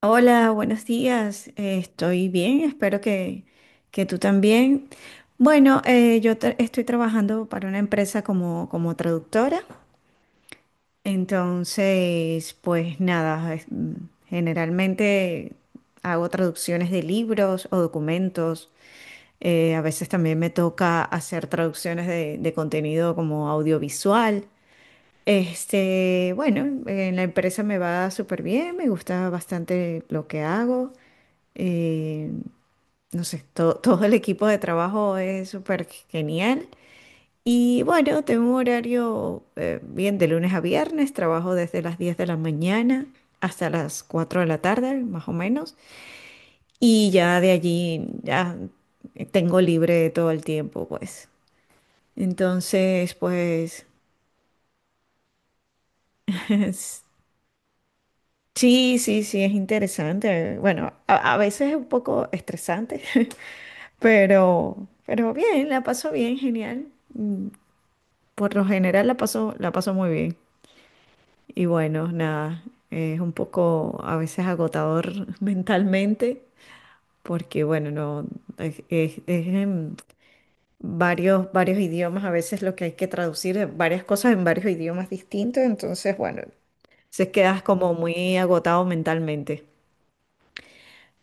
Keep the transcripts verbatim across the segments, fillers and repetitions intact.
Hola, buenos días. Eh, estoy bien, espero que, que tú también. Bueno, eh, yo tra- estoy trabajando para una empresa como, como traductora, entonces, pues nada, es- mm, generalmente hago traducciones de libros o documentos. Eh, a veces también me toca hacer traducciones de, de contenido como audiovisual. Este, bueno, en la empresa me va súper bien, me gusta bastante lo que hago. Eh, no sé, to- todo el equipo de trabajo es súper genial. Y bueno, tengo un horario eh, bien de lunes a viernes, trabajo desde las diez de la mañana hasta las cuatro de la tarde, más o menos. Y ya de allí ya tengo libre todo el tiempo, pues. Entonces, pues es- sí, sí, sí, es interesante. Bueno, a, a veces es un poco estresante, pero, pero bien, la paso bien, genial. Mm. Por lo general la paso, la paso muy bien. Y bueno, nada, es un poco a veces agotador mentalmente, porque bueno, no, es, es- es en varios, varios idiomas, a veces lo que hay que traducir, eh, varias cosas en varios idiomas distintos, entonces bueno, se quedas como muy agotado mentalmente.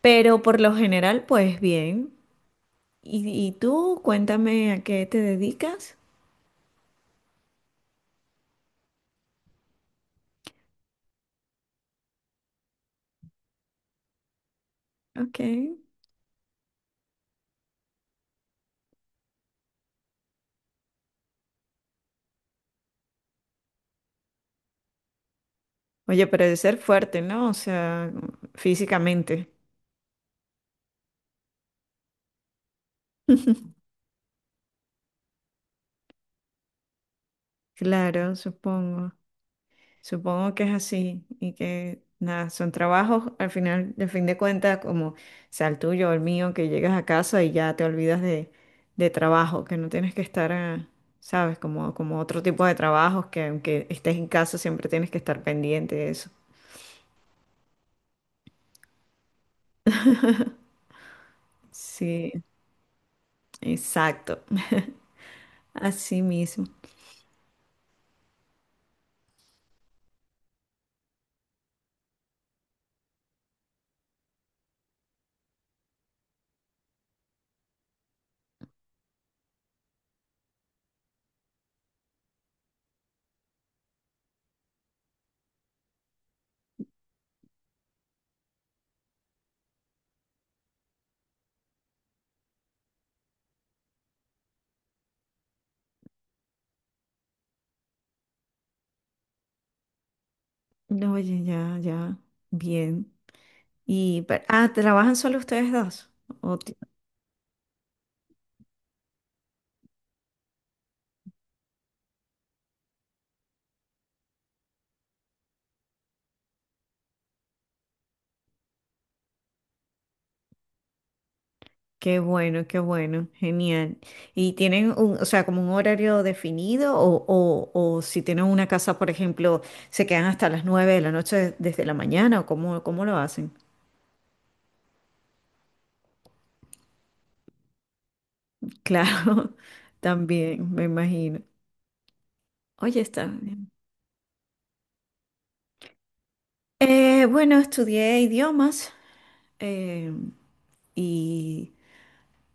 Pero por lo general, pues bien. Y, y tú, cuéntame a qué te dedicas. Ok. Oye, pero de ser fuerte, ¿no? O sea, físicamente. Claro, supongo. Supongo que es así y que nada, son trabajos al final, de fin de cuentas, como sea el tuyo o el mío, que llegas a casa y ya te olvidas de, de trabajo, que no tienes que estar, ah, sabes, como, como otro tipo de trabajos que aunque estés en casa siempre tienes que estar pendiente de eso. Sí, exacto. Así mismo. No. Oye, ya, ya. Bien. Y, pero- ah, ¿trabajan solo ustedes dos? Qué bueno, qué bueno, genial. ¿Y tienen un, o sea, como un horario definido o, o, o si tienen una casa, por ejemplo, se quedan hasta las nueve de la noche desde la mañana o cómo, cómo lo hacen? Claro, también, me imagino. Oye, está bien. Eh, bueno, estudié idiomas eh, y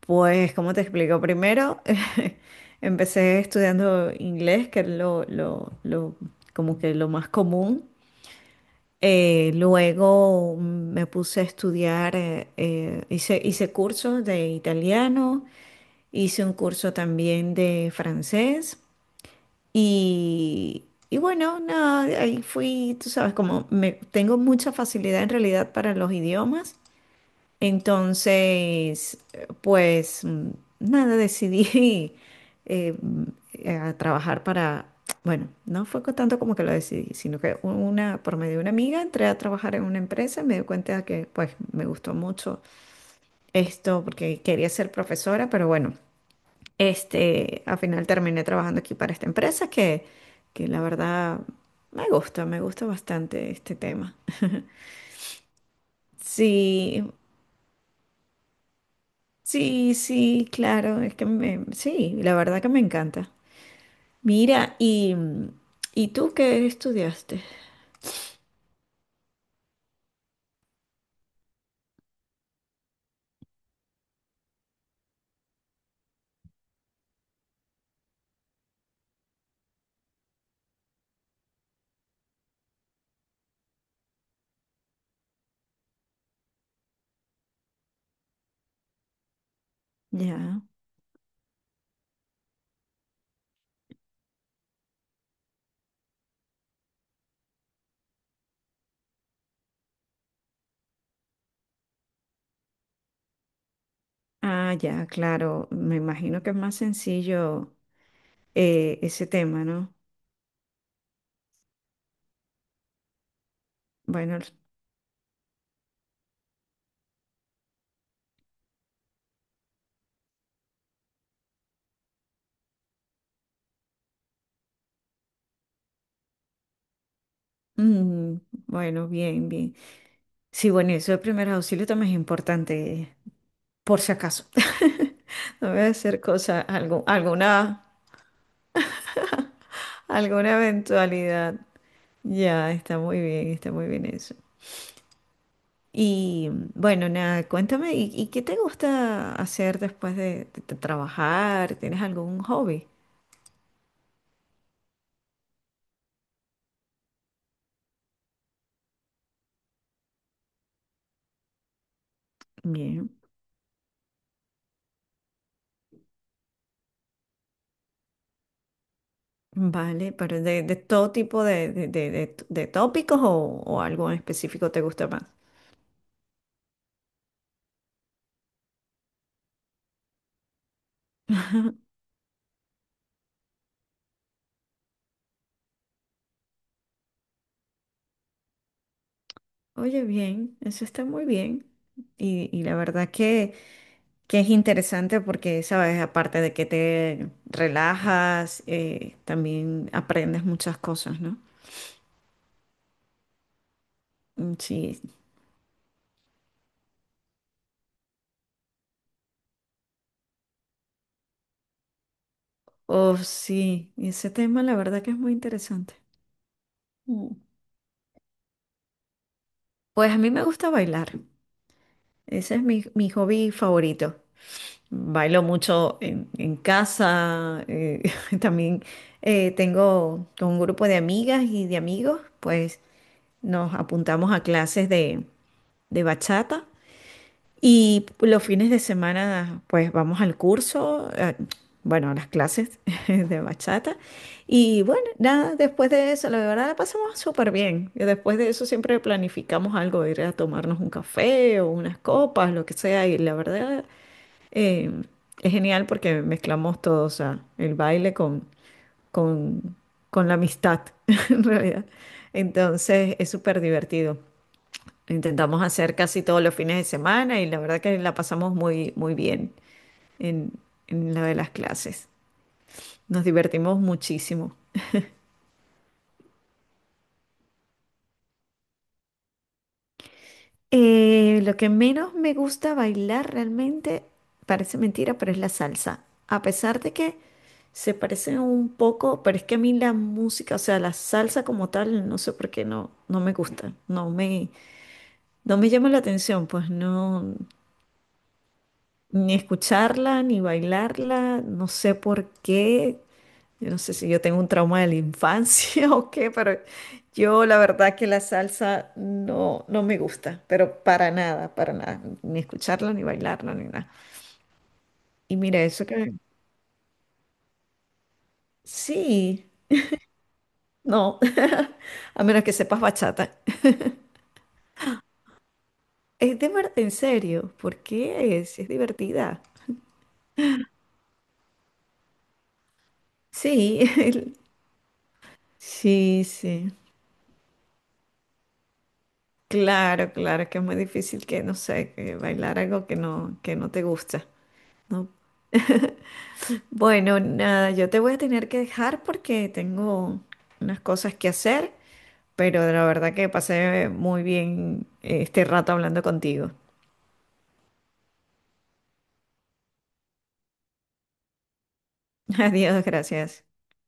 pues, ¿cómo te explico? Primero, empecé estudiando inglés, que es lo, lo, lo, como que lo más común. Eh, luego me puse a estudiar, eh, eh, hice, hice cursos de italiano, hice un curso también de francés y, y bueno, nada, ahí fui, tú sabes, como me, tengo mucha facilidad en realidad para los idiomas. Entonces, eh, pues mm, nada, decidí eh, mm, a trabajar para, bueno, no fue co- tanto como que lo decidí, sino que u- una, por medio de una amiga entré a trabajar en una empresa y me di cuenta que pues me gustó mucho esto porque quería ser profesora, pero bueno, este, al final terminé trabajando aquí para esta empresa que, que la verdad me gusta, me gusta bastante este tema. Sí. Sí, sí, claro, es que me, sí, la verdad que me encanta. Mira, y, ¿y tú qué estudiaste? Ya. Ah, ya, claro, me imagino que es más sencillo eh, ese tema, ¿no? Bueno, el- mm, bueno, bien, bien. Sí, bueno, eso de primeros auxilios también es importante, por si acaso. No voy a hacer cosa, algo, alguna, alguna eventualidad. Ya, está muy bien, está muy bien eso. Y bueno, nada, cuéntame, ¿y, y qué te gusta hacer después de, de- de trabajar? ¿Tienes algún hobby? Bien, vale, pero de, de todo tipo de, de, de- de- de tópicos o, o algo en específico te gusta más. Ajá. Oye, bien, eso está muy bien. Y, y la verdad que, que es interesante porque, sabes, aparte de que te relajas, eh, también aprendes muchas cosas, ¿no? Mm. Sí. Oh, sí, y ese tema la verdad que es muy interesante. Mm. Pues a mí me gusta bailar, ese es mi, mi hobby favorito. Bailo mucho en, en casa, eh, también eh, tengo con un grupo de amigas y de amigos, pues nos apuntamos a clases de, de bachata. Y los fines de semana, pues vamos al curso, eh, bueno, a las clases de bachata. Y bueno, nada, después de eso, la verdad la pasamos súper bien. Y después de eso siempre planificamos algo, ir a tomarnos un café o unas copas, lo que sea. Y la verdad eh, es genial porque mezclamos todo, o sea, el baile con, con, con la amistad, en realidad. Entonces es súper divertido. Intentamos hacer casi todos los fines de semana y la verdad que la pasamos muy, muy bien en, en lo de las clases. Nos divertimos muchísimo. Eh, lo que menos me gusta bailar realmente, parece mentira, pero es la salsa. A pesar de que se parecen un poco, pero es que a mí la música, o sea, la salsa como tal, no sé por qué no, no me gusta. No me, no me llama la atención, pues no, ni escucharla, ni bailarla, no sé por qué. Yo no sé si yo tengo un trauma de la infancia o qué, pero yo la verdad que la salsa no, no me gusta, pero para nada, para nada, ni escucharla, ni bailarla, ni nada. Y mira, eso que... Sí, no, a menos que sepas bachata. Es de verdad, en serio, ¿por qué es? Es divertida. Sí, el- sí, sí. Claro, claro, que es muy difícil que, no sé, que bailar algo que no, que no te gusta. No. Bueno, nada, yo te voy a tener que dejar porque tengo unas cosas que hacer, pero la verdad que pasé muy bien eh, este rato hablando contigo. Adiós, gracias.